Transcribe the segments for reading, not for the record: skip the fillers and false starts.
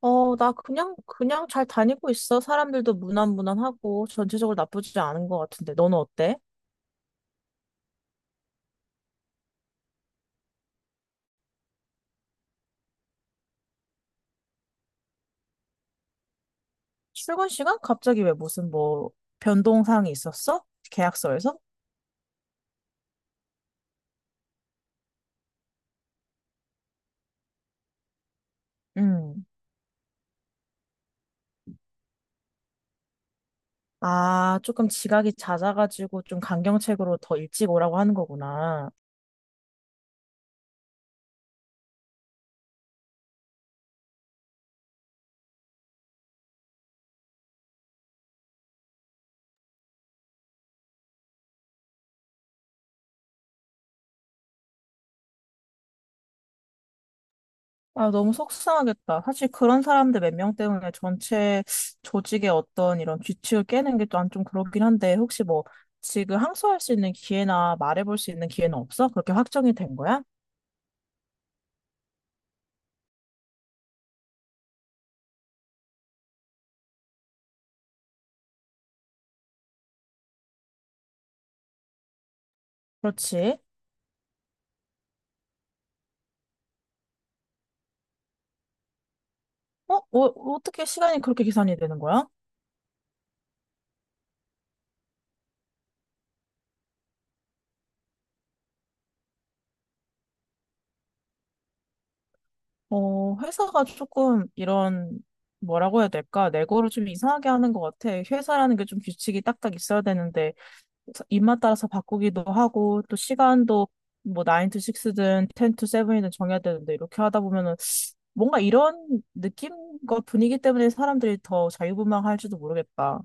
어, 나 그냥 잘 다니고 있어. 사람들도 무난무난하고 전체적으로 나쁘지 않은 것 같은데. 너는 어때? 출근 시간? 갑자기 왜 무슨 뭐 변동사항이 있었어? 계약서에서? 음. 아, 조금 지각이 잦아가지고 좀 강경책으로 더 일찍 오라고 하는 거구나. 아, 너무 속상하겠다. 사실 그런 사람들 몇 명 때문에 전체 조직의 어떤 이런 규칙을 깨는 게 난 좀 그렇긴 한데, 혹시 뭐 지금 항소할 수 있는 기회나 말해볼 수 있는 기회는 없어? 그렇게 확정이 된 거야? 그렇지. 어? 어, 어떻게 시간이 그렇게 계산이 되는 거야? 어, 회사가 조금 이런, 뭐라고 해야 될까? 내고를 좀 이상하게 하는 것 같아. 회사라는 게 좀 규칙이 딱딱 있어야 되는데, 입맛 따라서 바꾸기도 하고, 또 시간도 뭐 9 to 6든 10 to 7이든 정해야 되는데, 이렇게 하다 보면은 뭔가 이런 느낌과 분위기 때문에 사람들이 더 자유분방할지도 모르겠다.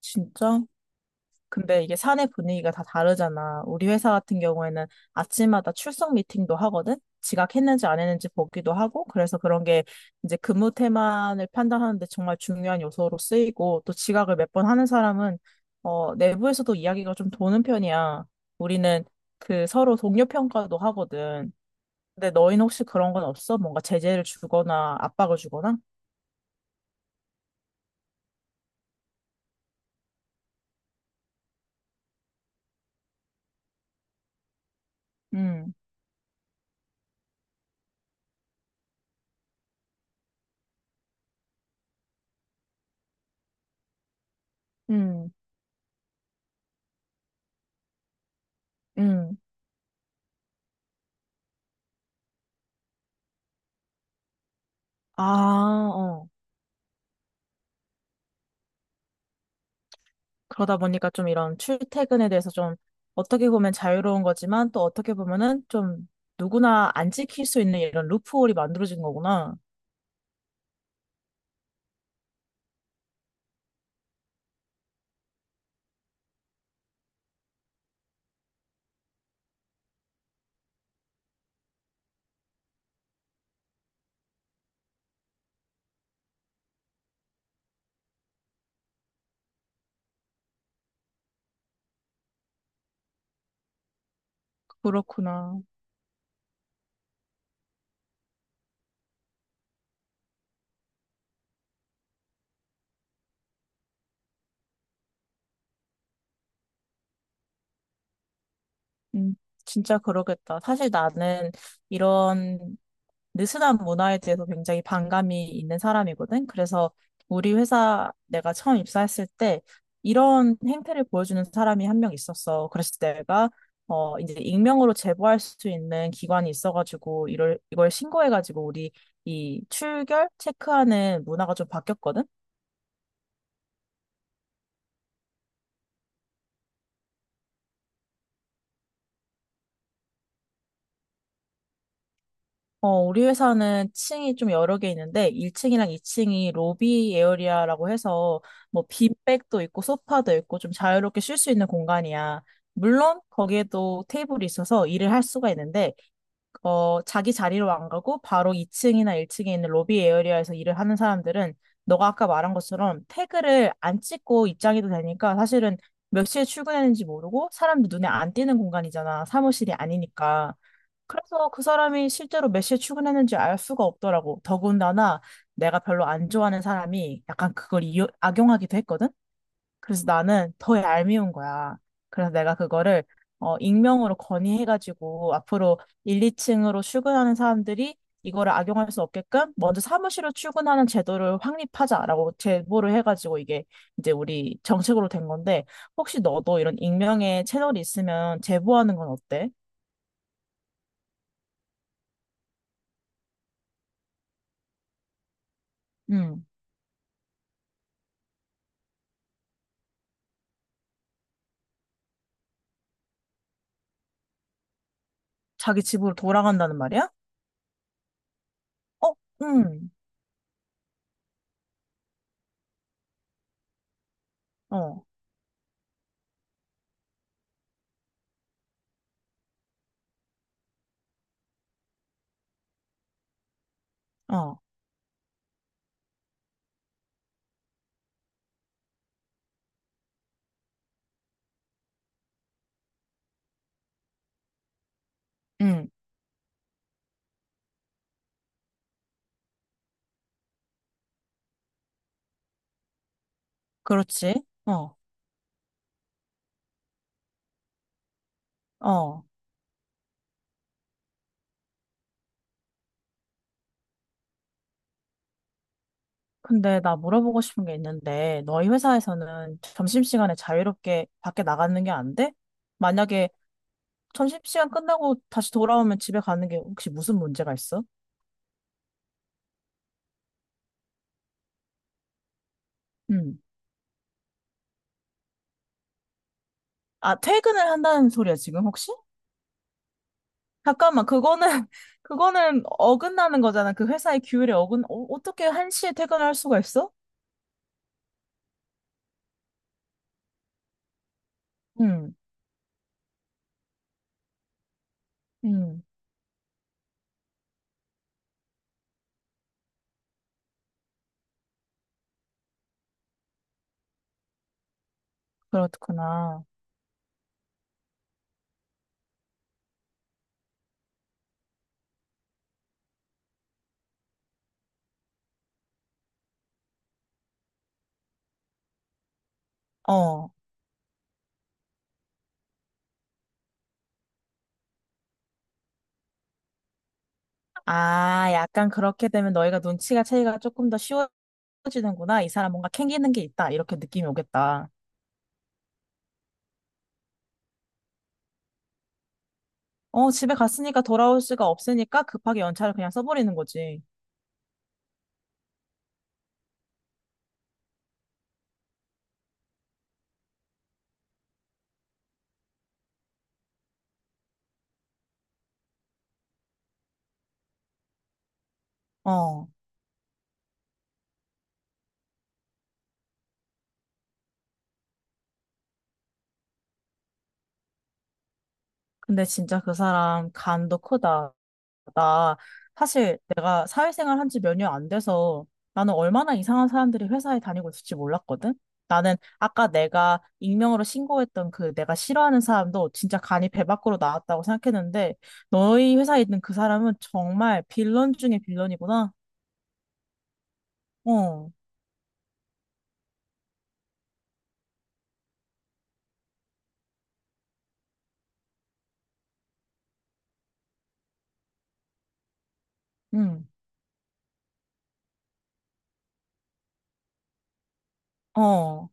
진짜? 근데 이게 사내 분위기가 다 다르잖아. 우리 회사 같은 경우에는 아침마다 출석 미팅도 하거든? 지각했는지 안 했는지 보기도 하고, 그래서 그런 게 이제 근무 태만을 판단하는데 정말 중요한 요소로 쓰이고, 또 지각을 몇 번 하는 사람은, 어, 내부에서도 이야기가 좀 도는 편이야. 우리는 그 서로 동료 평가도 하거든. 근데 너희는 혹시 그런 건 없어? 뭔가 제재를 주거나 압박을 주거나? 음, 음, 음. 아, 어. 그러다 보니까 좀 이런 출퇴근에 대해서 좀 어떻게 보면 자유로운 거지만 또 어떻게 보면은 좀 누구나 안 지킬 수 있는 이런 루프홀이 만들어진 거구나. 그렇구나. 음, 진짜 그러겠다. 사실 나는 이런 느슨한 문화에 대해서 굉장히 반감이 있는 사람이거든. 그래서 우리 회사 내가 처음 입사했을 때 이런 행태를 보여주는 사람이 한 명 있었어. 그래서 내가 어 이제 익명으로 제보할 수 있는 기관이 있어가지고 이걸 신고해가지고 우리 이 출결 체크하는 문화가 좀 바뀌었거든. 어, 우리 회사는 층이 좀 여러 개 있는데 1층이랑 2층이 로비 에어리아라고 해서 뭐 빈백도 있고 소파도 있고 좀 자유롭게 쉴 수 있는 공간이야. 물론 거기에도 테이블이 있어서 일을 할 수가 있는데 어, 자기 자리로 안 가고 바로 2층이나 1층에 있는 로비 에어리아에서 일을 하는 사람들은 너가 아까 말한 것처럼 태그를 안 찍고 입장해도 되니까 사실은 몇 시에 출근했는지 모르고 사람들 눈에 안 띄는 공간이잖아. 사무실이 아니니까. 그래서 그 사람이 실제로 몇 시에 출근했는지 알 수가 없더라고. 더군다나 내가 별로 안 좋아하는 사람이 약간 그걸 이용, 악용하기도 했거든? 그래서 나는 더 얄미운 거야. 그래서 내가 그거를 어, 익명으로 건의해가지고 앞으로 1, 2층으로 출근하는 사람들이 이거를 악용할 수 없게끔 먼저 사무실로 출근하는 제도를 확립하자라고 제보를 해가지고 이게 이제 우리 정책으로 된 건데 혹시 너도 이런 익명의 채널이 있으면 제보하는 건 어때? 응. 자기 집으로 돌아간다는 말이야? 어, 응, 어, 어, 응, 그렇지, 어, 어. 근데 나 물어보고 싶은 게 있는데, 너희 회사에서는 점심시간에 자유롭게 밖에 나가는 게 안 돼? 만약에 점심시간 끝나고 다시 돌아오면 집에 가는 게 혹시 무슨 문제가 있어? 응. 아, 퇴근을 한다는 소리야, 지금 혹시? 잠깐만, 그거는, 그거는 어긋나는 거잖아. 그 회사의 규율에 어긋, 어, 어떻게 한시에 퇴근할 수가 있어? 응, 응, 그렇구나. 어. 아, 약간 그렇게 되면 너희가 눈치가 채기가 조금 더 쉬워지는구나. 이 사람 뭔가 캥기는 게 있다. 이렇게 느낌이 오겠다. 어, 집에 갔으니까 돌아올 수가 없으니까 급하게 연차를 그냥 써버리는 거지. 어. 근데 진짜 그 사람 간도 크다. 나 사실 내가 사회생활 한 지 몇 년 안 돼서 나는 얼마나 이상한 사람들이 회사에 다니고 있을지 몰랐거든? 나는 아까 내가 익명으로 신고했던 그 내가 싫어하는 사람도 진짜 간이 배 밖으로 나왔다고 생각했는데 너희 회사에 있는 그 사람은 정말 빌런 중에 빌런이구나. 어, 응, 어.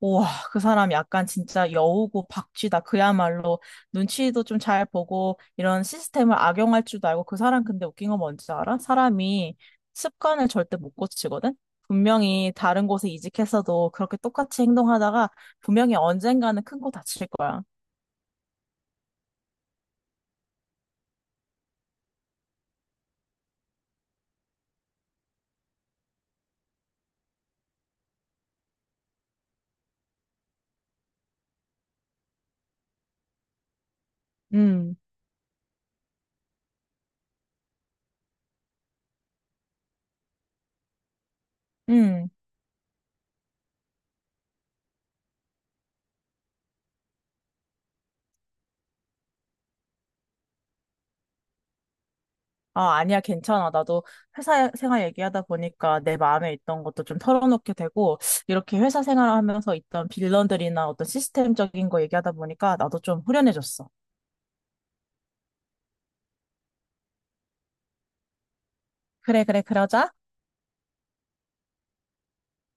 우와, 그 사람 약간 진짜 여우고 박쥐다. 그야말로 눈치도 좀 잘 보고 이런 시스템을 악용할 줄도 알고 그 사람 근데 웃긴 건 뭔지 알아? 사람이 습관을 절대 못 고치거든? 분명히 다른 곳에 이직했어도 그렇게 똑같이 행동하다가 분명히 언젠가는 큰 거 다칠 거야. 음. 음. 아, 아니야, 괜찮아. 나도 회사 생활 얘기하다 보니까 내 마음에 있던 것도 좀 털어놓게 되고, 이렇게 회사 생활하면서 있던 빌런들이나 어떤 시스템적인 거 얘기하다 보니까 나도 좀 후련해졌어. 그래, 그래, 그러자.